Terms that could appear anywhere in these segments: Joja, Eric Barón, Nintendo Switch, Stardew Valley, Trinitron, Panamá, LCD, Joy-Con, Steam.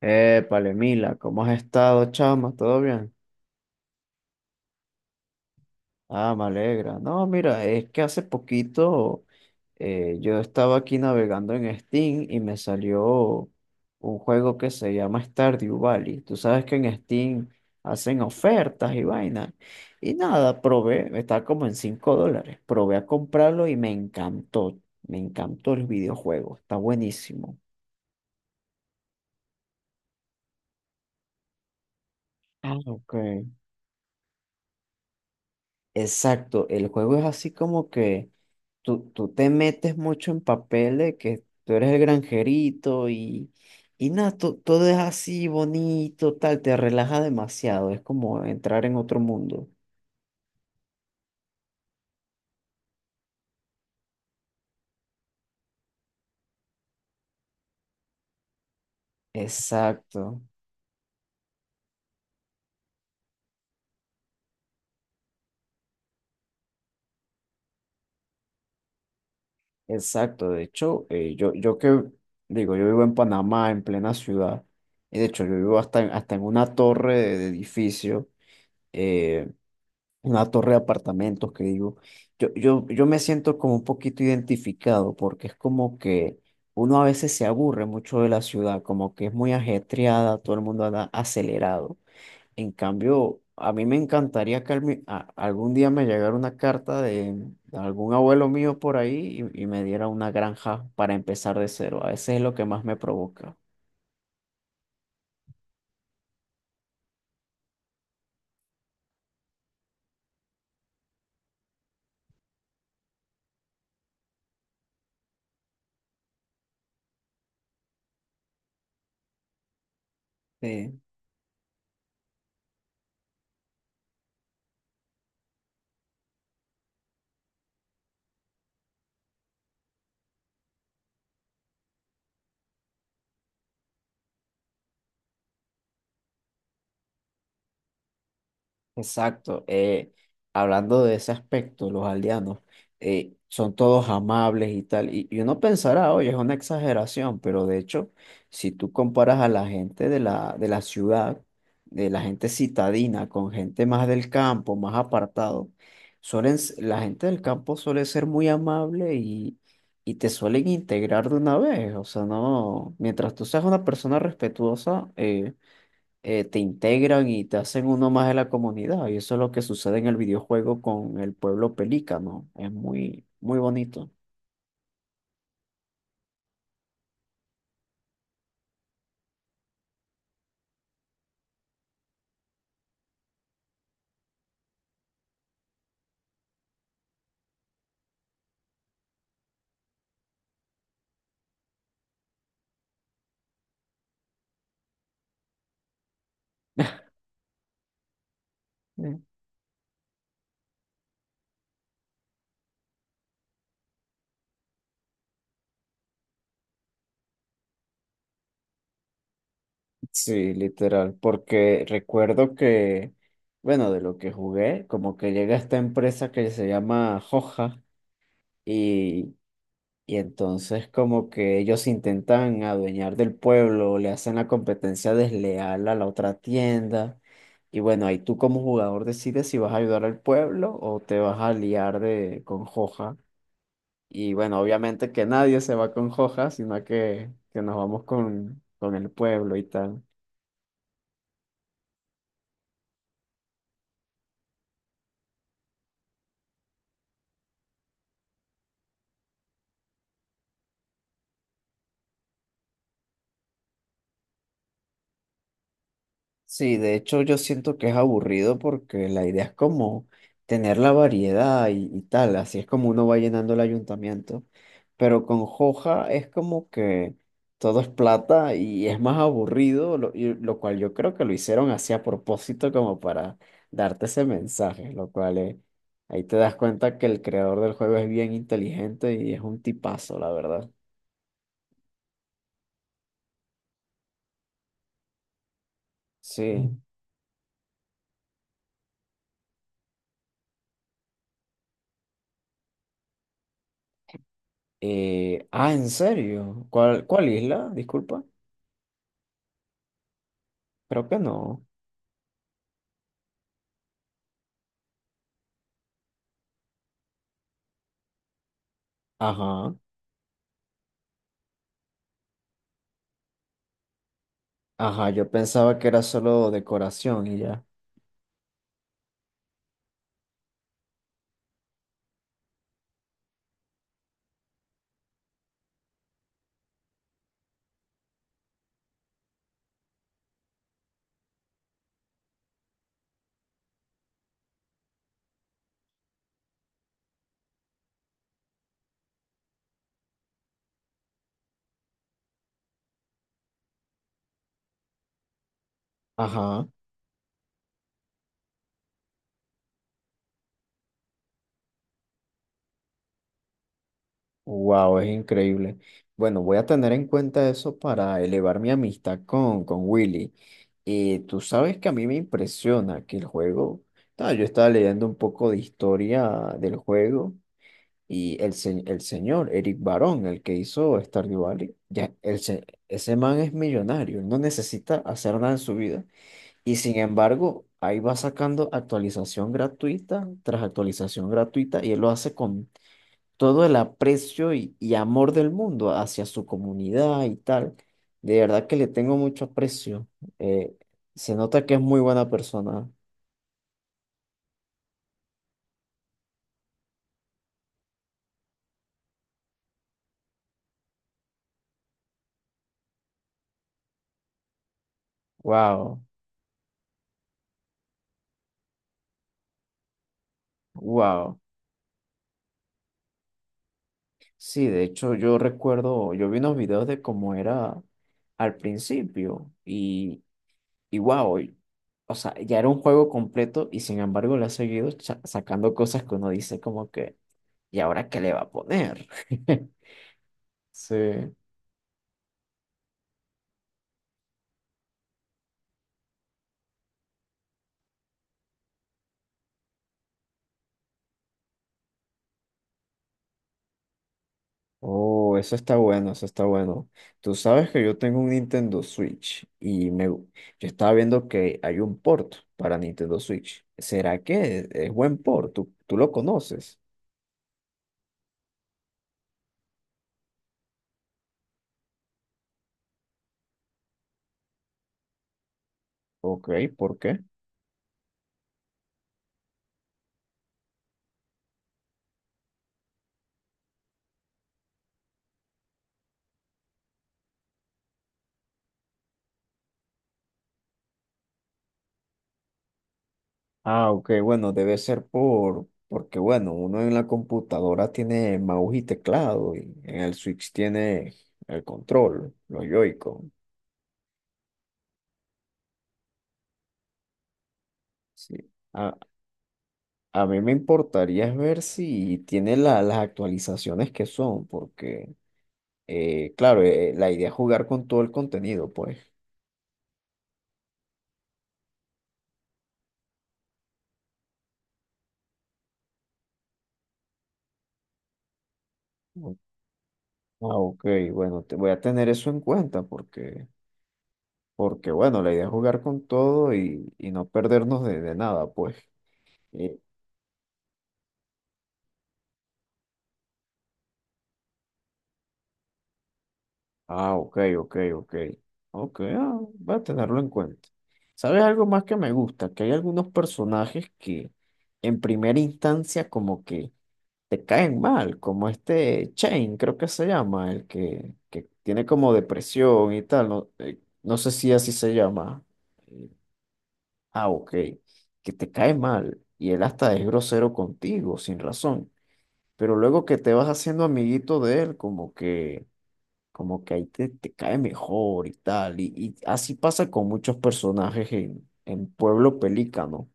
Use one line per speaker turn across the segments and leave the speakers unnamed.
Palemila, ¿cómo has estado, chama? ¿Todo bien? Ah, me alegra. No, mira, es que hace poquito yo estaba aquí navegando en Steam y me salió un juego que se llama Stardew Valley. Tú sabes que en Steam hacen ofertas y vainas. Y nada, probé, está como en $5. Probé a comprarlo y me encantó. Me encantó el videojuego, está buenísimo. Ah, ok. Exacto, el juego es así como que tú te metes mucho en papel de que tú eres el granjerito y nada, todo es así bonito, tal, te relaja demasiado, es como entrar en otro mundo. Exacto, exacto. De hecho, yo que digo, yo vivo en Panamá, en plena ciudad, y de hecho yo vivo hasta en una torre de edificio. eh, una torre de apartamentos que digo, yo me siento como un poquito identificado porque es como que uno a veces se aburre mucho de la ciudad, como que es muy ajetreada, todo el mundo anda acelerado. En cambio, a mí me encantaría que algún día me llegara una carta de algún abuelo mío por ahí y me diera una granja para empezar de cero. A veces es lo que más me provoca. Sí, exacto. Hablando de ese aspecto, los aldeanos son todos amables y tal. Y uno pensará, oye, es una exageración, pero de hecho, si tú comparas a la gente de la ciudad, de la gente citadina, con gente más del campo, más apartado, la gente del campo suele ser muy amable y te suelen integrar de una vez. O sea, no, mientras tú seas una persona respetuosa, te integran y te hacen uno más de la comunidad. Y eso es lo que sucede en el videojuego con el pueblo pelícano. Es muy, muy bonito. Mm. Sí, literal, porque recuerdo que, bueno, de lo que jugué, como que llega esta empresa que se llama Hoja y. Y entonces como que ellos intentan adueñar del pueblo, le hacen la competencia desleal a la otra tienda. Y bueno, ahí tú como jugador decides si vas a ayudar al pueblo o te vas a liar de, con Joja. Y bueno, obviamente que nadie se va con Joja, sino que nos vamos con el pueblo y tal. Sí, de hecho yo siento que es aburrido porque la idea es como tener la variedad y tal, así es como uno va llenando el ayuntamiento, pero con Joja es como que todo es plata y es más aburrido, lo, y lo cual yo creo que lo hicieron así a propósito como para darte ese mensaje, lo cual ahí te das cuenta que el creador del juego es bien inteligente y es un tipazo, la verdad. Sí. Mm. Ah, ¿en serio? ¿Cuál, cuál isla? Disculpa, creo que no. Ajá, ajá, yo pensaba que era solo decoración y ya. Ajá, wow, es increíble. Bueno, voy a tener en cuenta eso para elevar mi amistad con Willy. Y tú sabes que a mí me impresiona que el juego. Ah, yo estaba leyendo un poco de historia del juego y el señor Eric Barón, el que hizo Stardew Valley, ya, ese man es millonario, él no necesita hacer nada en su vida. Y sin embargo, ahí va sacando actualización gratuita tras actualización gratuita y él lo hace con todo el aprecio y amor del mundo hacia su comunidad y tal. De verdad que le tengo mucho aprecio. Eh, Se nota que es muy buena persona. Wow, wow. Sí, de hecho yo recuerdo, yo vi unos videos de cómo era al principio y. Y wow, o sea, ya era un juego completo y sin embargo le ha seguido cha- sacando cosas que uno dice como que, ¿y ahora qué le va a poner? Sí. Oh, eso está bueno, eso está bueno. Tú sabes que yo tengo un Nintendo Switch y yo estaba viendo que hay un port para Nintendo Switch. ¿Será que es buen port? ¿Tú lo conoces? Ok, ¿por qué? Ah, ok, bueno, debe ser porque bueno, uno en la computadora tiene mouse y teclado y en el Switch tiene el control, los Joy-Con. Sí. A, a mí me importaría es ver si tiene las actualizaciones que son, porque claro, la idea es jugar con todo el contenido, pues. Mm. Ah, ok, bueno, te voy a tener eso en cuenta porque, porque bueno, la idea es jugar con todo y no perdernos de nada, pues. Eh, Ah, ok, ok, ok. Ok, ah, voy a tenerlo en cuenta. ¿Sabes algo más que me gusta? Que hay algunos personajes que en primera instancia como que te caen mal, como este Chain, creo que se llama, el que tiene como depresión y tal, no, no sé si así se llama. Eh, Ah, ok, que te cae mal y él hasta es grosero contigo, sin razón. Pero luego que te vas haciendo amiguito de él, como que ahí te, te cae mejor y tal. Y así pasa con muchos personajes en Pueblo Pelícano.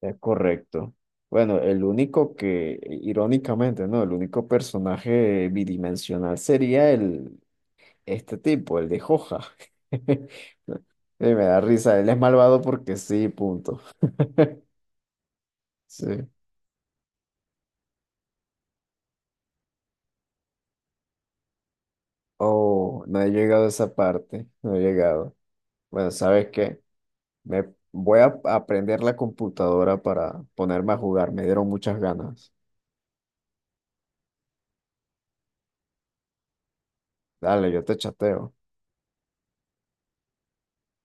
Es correcto. Bueno, el único que, irónicamente, ¿no? El único personaje bidimensional sería el, este tipo, el de Joja. Y me da risa, él es malvado porque sí, punto. Sí. Oh, no he llegado a esa parte, no he llegado. Bueno, ¿sabes qué? Me voy a aprender la computadora para ponerme a jugar. Me dieron muchas ganas. Dale, yo te chateo.